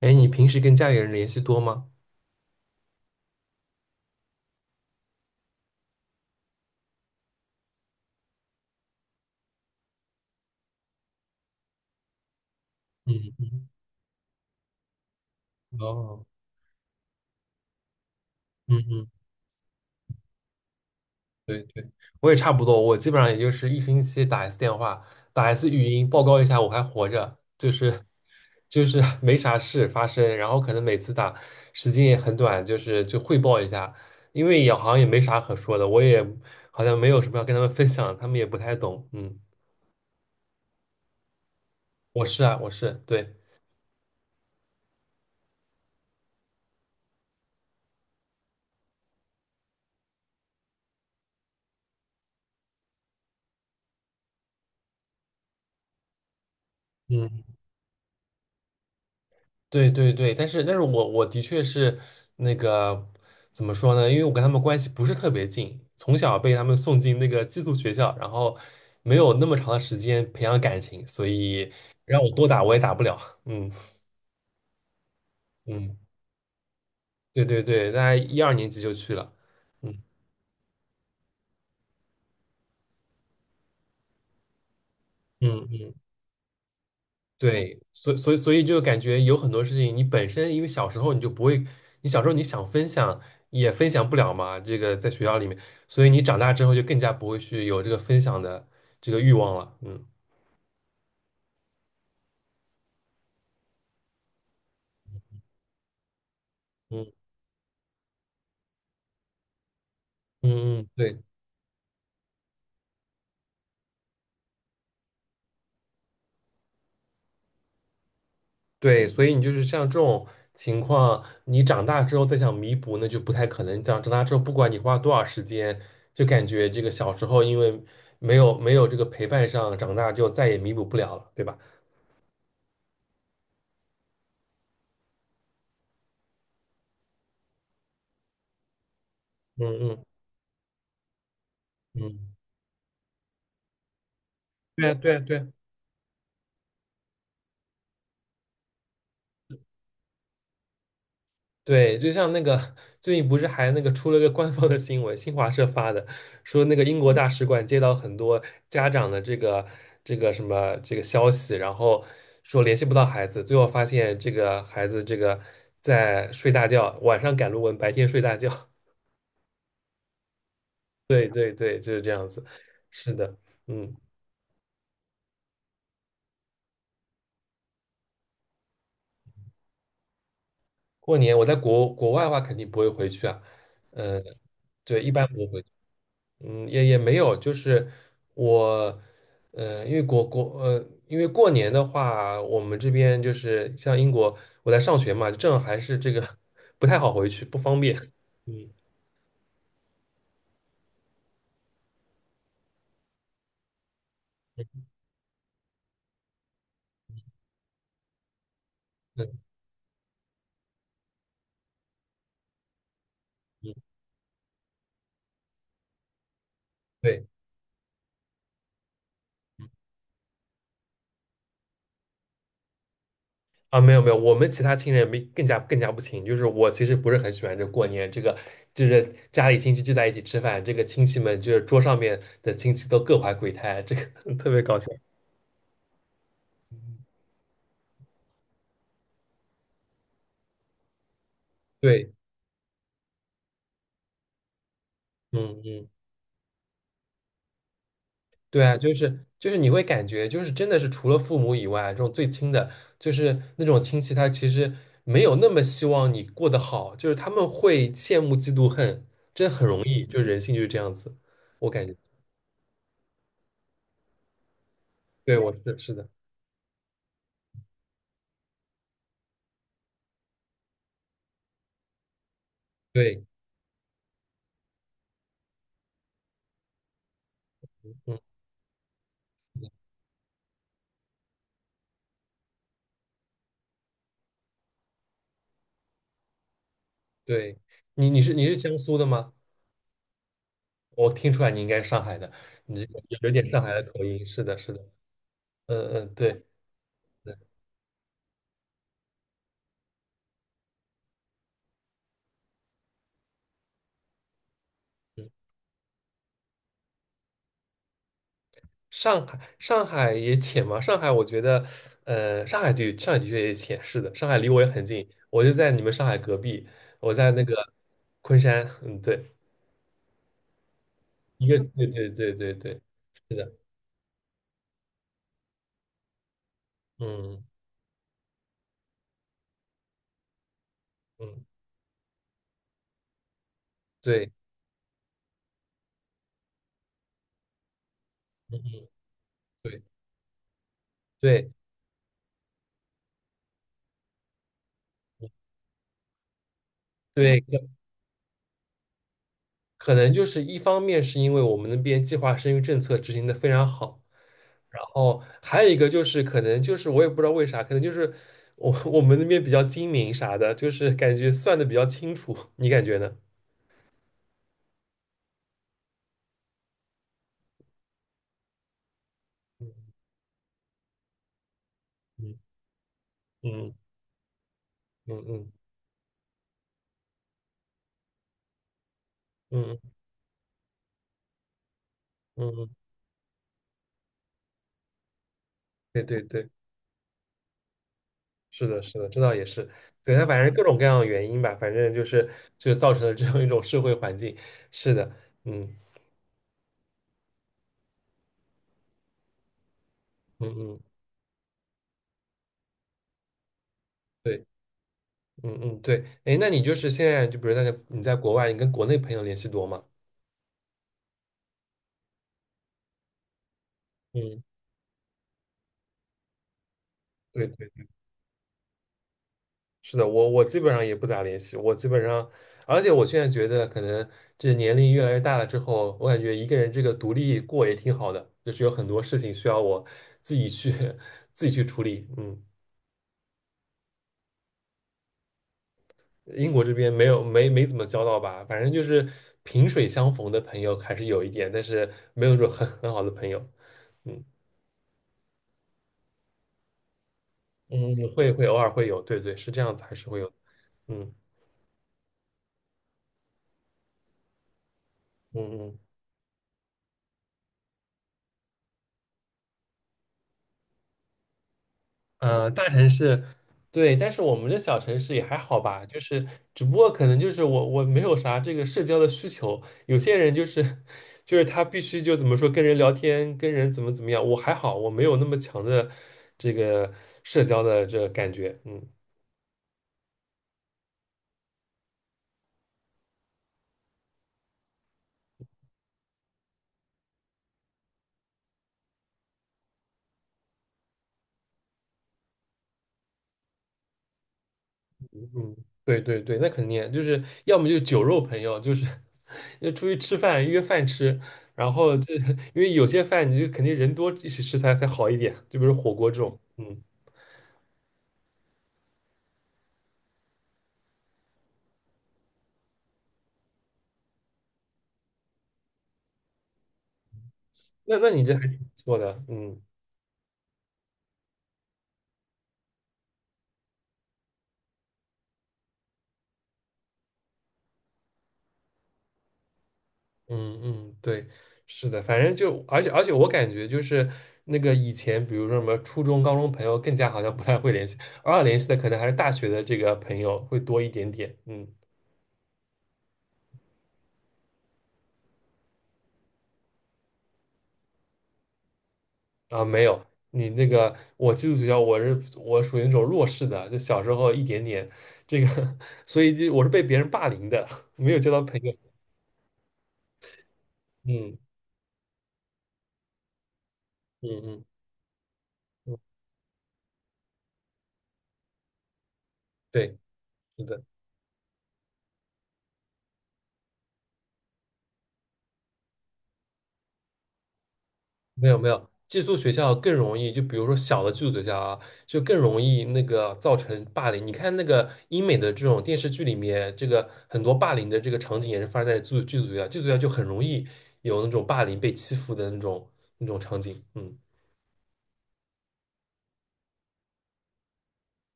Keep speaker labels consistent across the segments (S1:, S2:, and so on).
S1: 哎，你平时跟家里人联系多吗？嗯嗯。哦。嗯嗯。对对，我也差不多，我基本上也就是一星期打一次电话，打一次语音报告一下我还活着，就是没啥事发生，然后可能每次打时间也很短，就是就汇报一下，因为也好像也没啥可说的，我也好像没有什么要跟他们分享，他们也不太懂。嗯。我是啊，我是，对。嗯。对对对，但是我的确是那个怎么说呢？因为我跟他们关系不是特别近，从小被他们送进那个寄宿学校，然后没有那么长的时间培养感情，所以让我多打我也打不了。嗯。嗯，对对对，大概一二年级就去了。嗯。嗯嗯。对，所以就感觉有很多事情，你本身因为小时候你就不会，你小时候你想分享也分享不了嘛，这个在学校里面，所以你长大之后就更加不会去有这个分享的这个欲望了。嗯嗯。嗯。嗯，对对，所以你就是像这种情况，你长大之后再想弥补，那就不太可能。长大之后，不管你花多少时间，就感觉这个小时候因为没有这个陪伴上，长大就再也弥补不了了，对吧？嗯。嗯。嗯，对啊对啊对啊。对，就像那个最近不是还那个出了个官方的新闻，新华社发的，说那个英国大使馆接到很多家长的这个这个什么这个消息，然后说联系不到孩子，最后发现这个孩子这个在睡大觉，晚上赶论文，白天睡大觉。对对对，就是这样子。是的。嗯。过年我在国外的话肯定不会回去啊。嗯。对，一般不会。嗯，也也没有，就是我，因为因为过年的话，我们这边就是像英国，我在上学嘛，正好还是这个 不太好回去，不方便。嗯。 嗯。嗯，对啊，没有没有，我们其他亲人没更加不亲，就是我其实不是很喜欢这过年这个，就是家里亲戚聚在一起吃饭，这个亲戚们就是桌上面的亲戚都各怀鬼胎，这个 特别搞笑。对。嗯嗯。对啊，就是你会感觉就是真的是除了父母以外，这种最亲的，就是那种亲戚，他其实没有那么希望你过得好，就是他们会羡慕、嫉妒、恨，真的很容易，就是人性就是这样子，我感觉。对，我是是的。对。嗯，对，你是江苏的吗？我听出来你应该是上海的，你这个有有点上海的口音，是的，是的。嗯嗯，对，对。嗯，上海，上海也浅嘛？上海，我觉得，上海对上海的确也浅，是的，上海离我也很近，我就在你们上海隔壁，我在那个昆山。嗯，对，一个，对对对对对。是的。嗯嗯，对。嗯嗯，对对。嗯。对，可能就是一方面是因为我们那边计划生育政策执行的非常好，然后还有一个就是可能就是我也不知道为啥，可能就是我们那边比较精明啥的，就是感觉算的比较清楚，你感觉呢？嗯。嗯。嗯。嗯。嗯。嗯。嗯，对对对，是的，是的，这倒也是。对，它反正各种各样的原因吧，反正就是就造成了这样一种社会环境。是的。嗯。嗯。嗯，对。嗯嗯，对，哎，那你就是现在就比如那个你在国外，你跟国内朋友联系多吗？嗯，对对，是的，我我基本上也不咋联系，我基本上，而且我现在觉得可能这年龄越来越大了之后，我感觉一个人这个独立过也挺好的，就是有很多事情需要我自己去 自己去处理。嗯。英国这边没没怎么交到吧，反正就是萍水相逢的朋友还是有一点，但是没有说很很好的朋友。嗯。嗯，会会偶尔会有，对对，是这样子，还是会有。嗯。嗯。嗯，大城市，对，但是我们这小城市也还好吧，就是只不过可能就是我没有啥这个社交的需求，有些人就是 就是他必须就怎么说跟人聊天，跟人怎么怎么样，我还好，我没有那么强的这个社交的这个感觉。嗯。嗯，对对对，那肯定就是要么就酒肉朋友，就是 要出去吃饭约饭吃，然后这因为有些饭你就肯定人多一起吃才才好一点，就比如火锅这种。嗯。那那你这还挺不错的。嗯。嗯。嗯，对，是的，反正就而且我感觉就是那个以前比如说什么初中高中朋友更加好像不太会联系，偶尔联系的可能还是大学的这个朋友会多一点点。嗯。啊，没有，你那个我寄宿学校，我属于那种弱势的，就小时候一点点这个，所以就我是被别人霸凌的，没有交到朋友。嗯。嗯。嗯。嗯，对，是的，没有没有，寄宿学校更容易，就比如说小的寄宿学校啊，就更容易那个造成霸凌。你看那个英美的这种电视剧里面，这个很多霸凌的这个场景也是发生在寄宿学校，寄宿学校就很容易有那种霸凌被欺负的那种那种场景。嗯。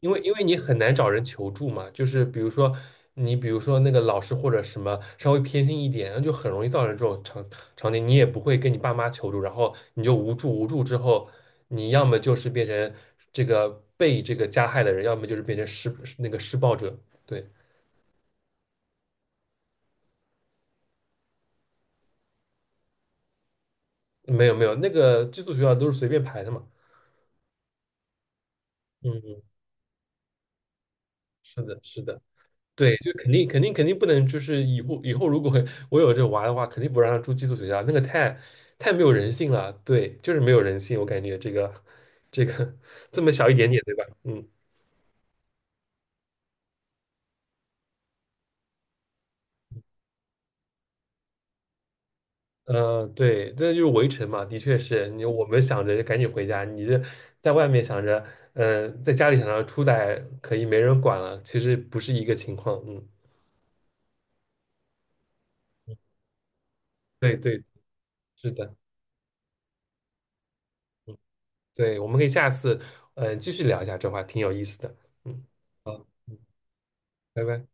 S1: 因为因为你很难找人求助嘛，就是比如说你比如说那个老师或者什么稍微偏心一点，那就很容易造成这种场景，你也不会跟你爸妈求助，然后你就无助，无助之后，你要么就是变成这个被这个加害的人，要么就是变成施那个施暴者。对。没有没有，那个寄宿学校都是随便排的嘛。嗯。嗯。是的，是的。对，就肯定肯定肯定不能，就是以后以后如果 我有这娃的话，肯定不让他住寄宿学校，那个太没有人性了。对，就是没有人性，我感觉这个这个这么小一点点，对吧？嗯。对，这就是围城嘛，的确是你我们想着赶紧回家，你这在外面想着，在家里想着出来可以没人管了，其实不是一个情况。嗯，对对，是的，对，我们可以下次继续聊一下这话，挺有意思的。嗯，好，拜拜。